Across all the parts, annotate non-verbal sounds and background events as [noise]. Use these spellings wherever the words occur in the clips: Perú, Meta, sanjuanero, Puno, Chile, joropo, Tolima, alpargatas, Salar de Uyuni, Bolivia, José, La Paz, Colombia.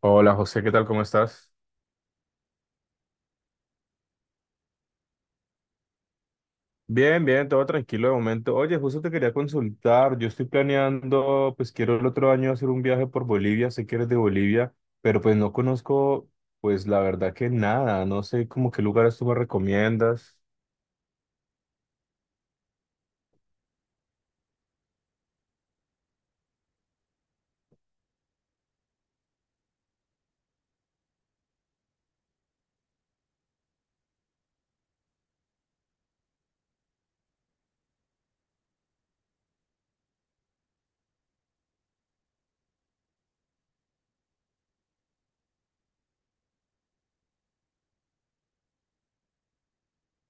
Hola José, ¿qué tal? ¿Cómo estás? Bien, bien, todo tranquilo de momento. Oye, justo te quería consultar. Yo estoy planeando, pues quiero el otro año hacer un viaje por Bolivia. Sé que eres de Bolivia, pero pues no conozco, pues la verdad que nada. No sé como qué lugares tú me recomiendas.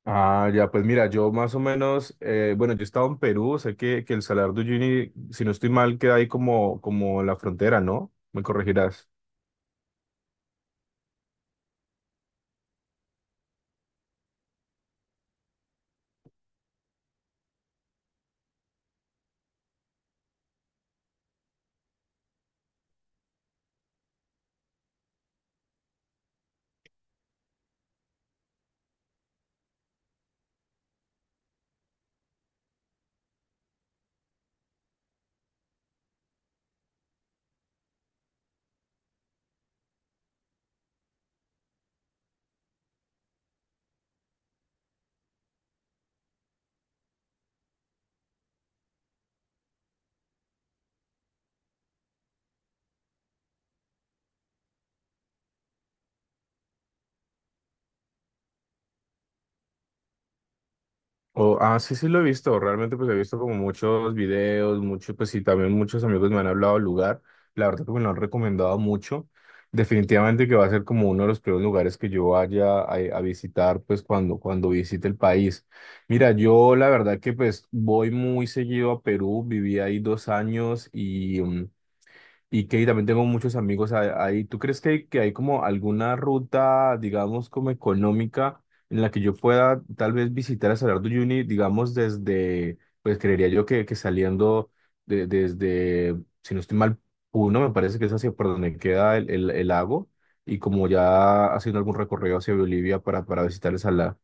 Ah, ya, pues mira, yo más o menos, bueno, yo he estado en Perú. Sé que el Salar de Uyuni, si no estoy mal, queda ahí como, como en la frontera, ¿no? Me corregirás. Sí, sí lo he visto, realmente pues he visto como muchos videos, muchos, pues sí, también muchos amigos me han hablado del lugar, la verdad que me lo han recomendado mucho, definitivamente que va a ser como uno de los primeros lugares que yo vaya a visitar pues cuando visite el país. Mira, yo la verdad que pues voy muy seguido a Perú, viví ahí dos años y y que también tengo muchos amigos ahí. ¿Tú crees que hay como alguna ruta, digamos, como económica en la que yo pueda tal vez visitar a Salar de Uyuni, digamos, desde, pues creería yo que saliendo desde, si no estoy mal, Puno, me parece que es hacia por donde queda el lago, y como ya haciendo algún recorrido hacia Bolivia para visitar el salar.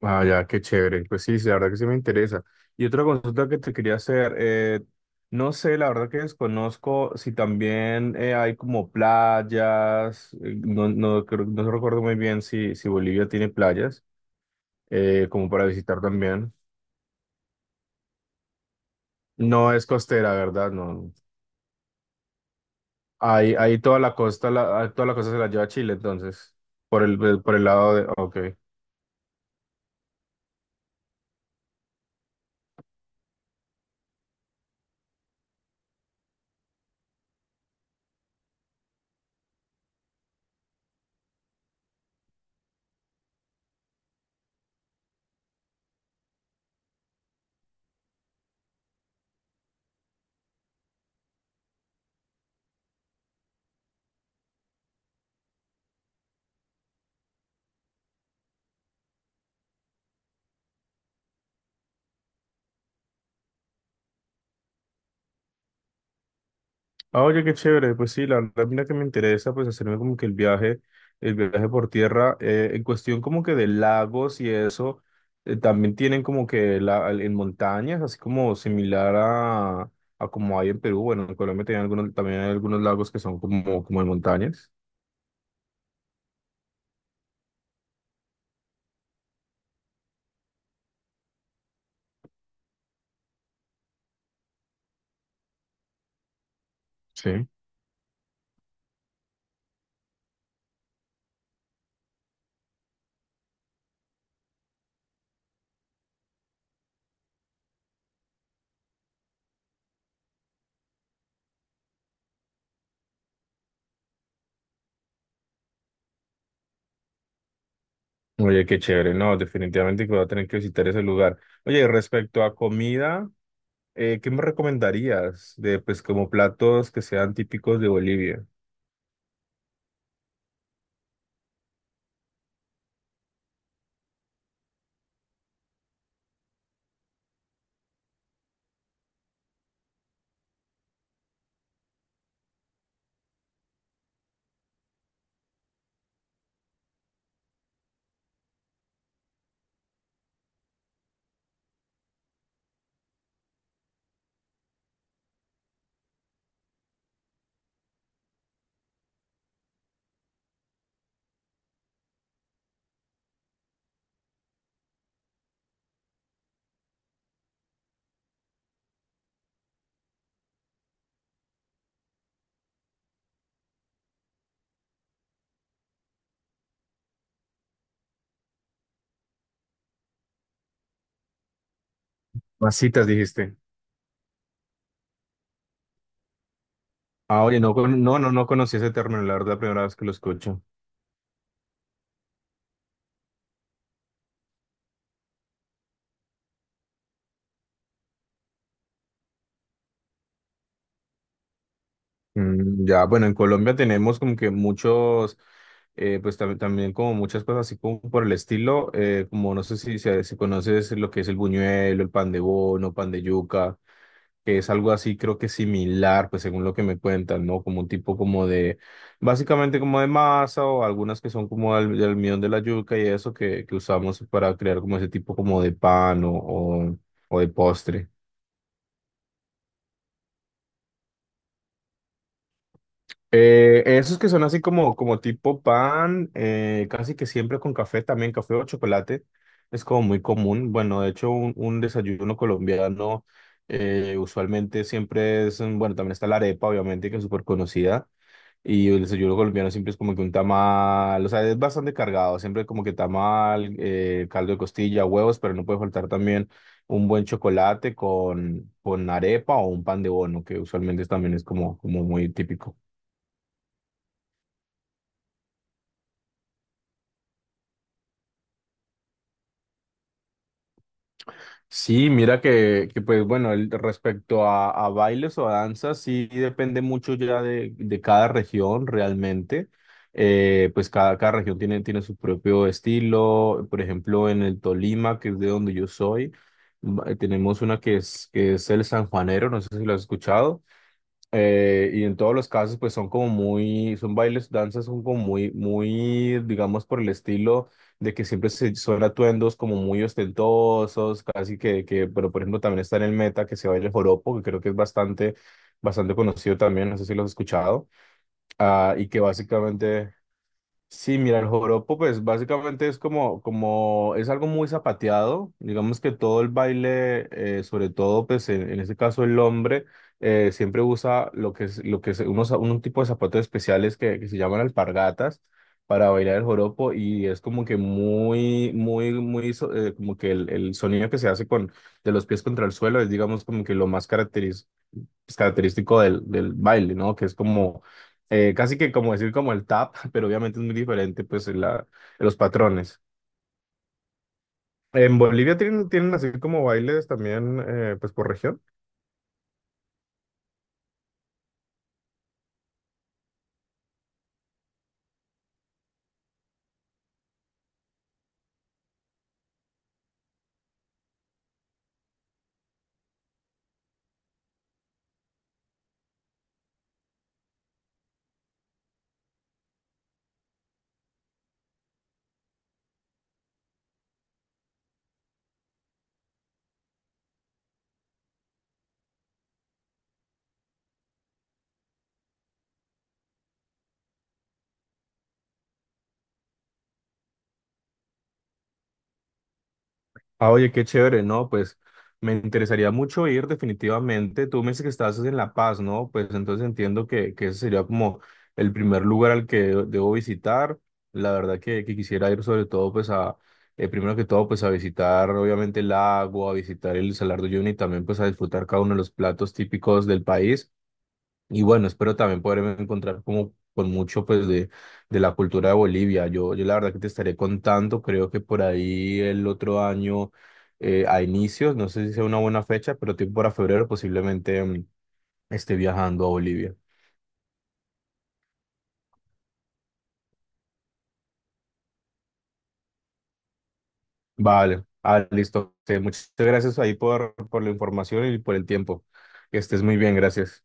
Ah, ya, qué chévere. Pues sí, sí, la verdad que sí me interesa. Y otra consulta que te quería hacer, no sé, la verdad que desconozco si también hay como playas, no, no, no recuerdo muy bien si, si Bolivia tiene playas, como para visitar también. No es costera, ¿verdad? No. Ahí, ahí toda la costa, toda la costa se la lleva a Chile, entonces, por el lado de... Ok. Ah, oye, qué chévere. Pues sí, la verdad, mira que me interesa, pues hacerme como que el viaje por tierra, en cuestión como que de lagos y eso, también tienen como que la, en montañas, así como similar a como hay en Perú. Bueno, en Colombia tienen algunos, también hay algunos lagos que son como, como en montañas. Sí. Oye, qué chévere, no, definitivamente que voy a tener que visitar ese lugar. Oye, respecto a comida, ¿qué me recomendarías de, pues, como platos que sean típicos de Bolivia? Masitas, dijiste. Ah, oye, no, no, no, no conocí ese término, la verdad, la primera vez que lo escucho. Ya, bueno, en Colombia tenemos como que muchos, pues también como muchas cosas así como por el estilo, como no sé si, si, si conoces lo que es el buñuelo, el pan de bono, pan de yuca, que es algo así creo que similar, pues según lo que me cuentan, ¿no? Como un tipo como de, básicamente como de masa o algunas que son como del almidón de la yuca y eso que usamos para crear como ese tipo como de pan o de postre. Esos que son así como, como tipo pan, casi que siempre con café, también café o chocolate, es como muy común. Bueno, de hecho, un desayuno colombiano usualmente siempre es, bueno, también está la arepa, obviamente, que es súper conocida. Y el desayuno colombiano siempre es como que un tamal, o sea, es bastante cargado, siempre como que tamal, caldo de costilla, huevos, pero no puede faltar también un buen chocolate con arepa o un pan de bono, que usualmente también es como, como muy típico. Sí, mira que pues bueno, respecto a bailes o a danzas, sí depende mucho ya de cada región realmente. Pues cada, cada región tiene, tiene su propio estilo. Por ejemplo, en el Tolima, que es de donde yo soy, tenemos una que es el sanjuanero, no sé si lo has escuchado. Y en todos los casos, pues son como muy, son bailes, danzas, son como muy, muy, digamos, por el estilo de que siempre se, son atuendos como muy ostentosos, casi que, pero por ejemplo también está en el Meta que se baila el joropo, que creo que es bastante, bastante conocido también, no sé si lo has escuchado, ah, y que básicamente sí, mira, el joropo pues básicamente es como, como es algo muy zapateado, digamos que todo el baile, sobre todo pues en este caso el hombre, siempre usa lo que es unos, un tipo de zapatos especiales que se llaman alpargatas para bailar el joropo y es como que muy, muy, muy, como que el sonido que se hace con, de los pies contra el suelo es digamos como que lo más característico pues, característico del, del baile, ¿no? Que es como, casi que como decir como el tap, [laughs] pero obviamente es muy diferente, pues, la, los patrones. ¿En Bolivia tienen, tienen así como bailes también, pues, por región? Ah, oye, qué chévere, ¿no? Pues me interesaría mucho ir definitivamente. Tú me dices que estás en La Paz, ¿no? Pues entonces entiendo que ese sería como el primer lugar al que debo visitar. La verdad que quisiera ir sobre todo, pues a, primero que todo, pues a visitar obviamente el lago, a visitar el Salar de Uyuni y también pues a disfrutar cada uno de los platos típicos del país. Y bueno, espero también poderme encontrar como con mucho pues de la cultura de Bolivia. Yo la verdad que te estaré contando, creo que por ahí el otro año a inicios, no sé si sea una buena fecha, pero tipo para febrero posiblemente esté viajando a Bolivia. Vale, ah, listo. Sí, muchas gracias ahí por la información y por el tiempo. Que estés muy bien, gracias.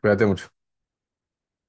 Cuídate mucho.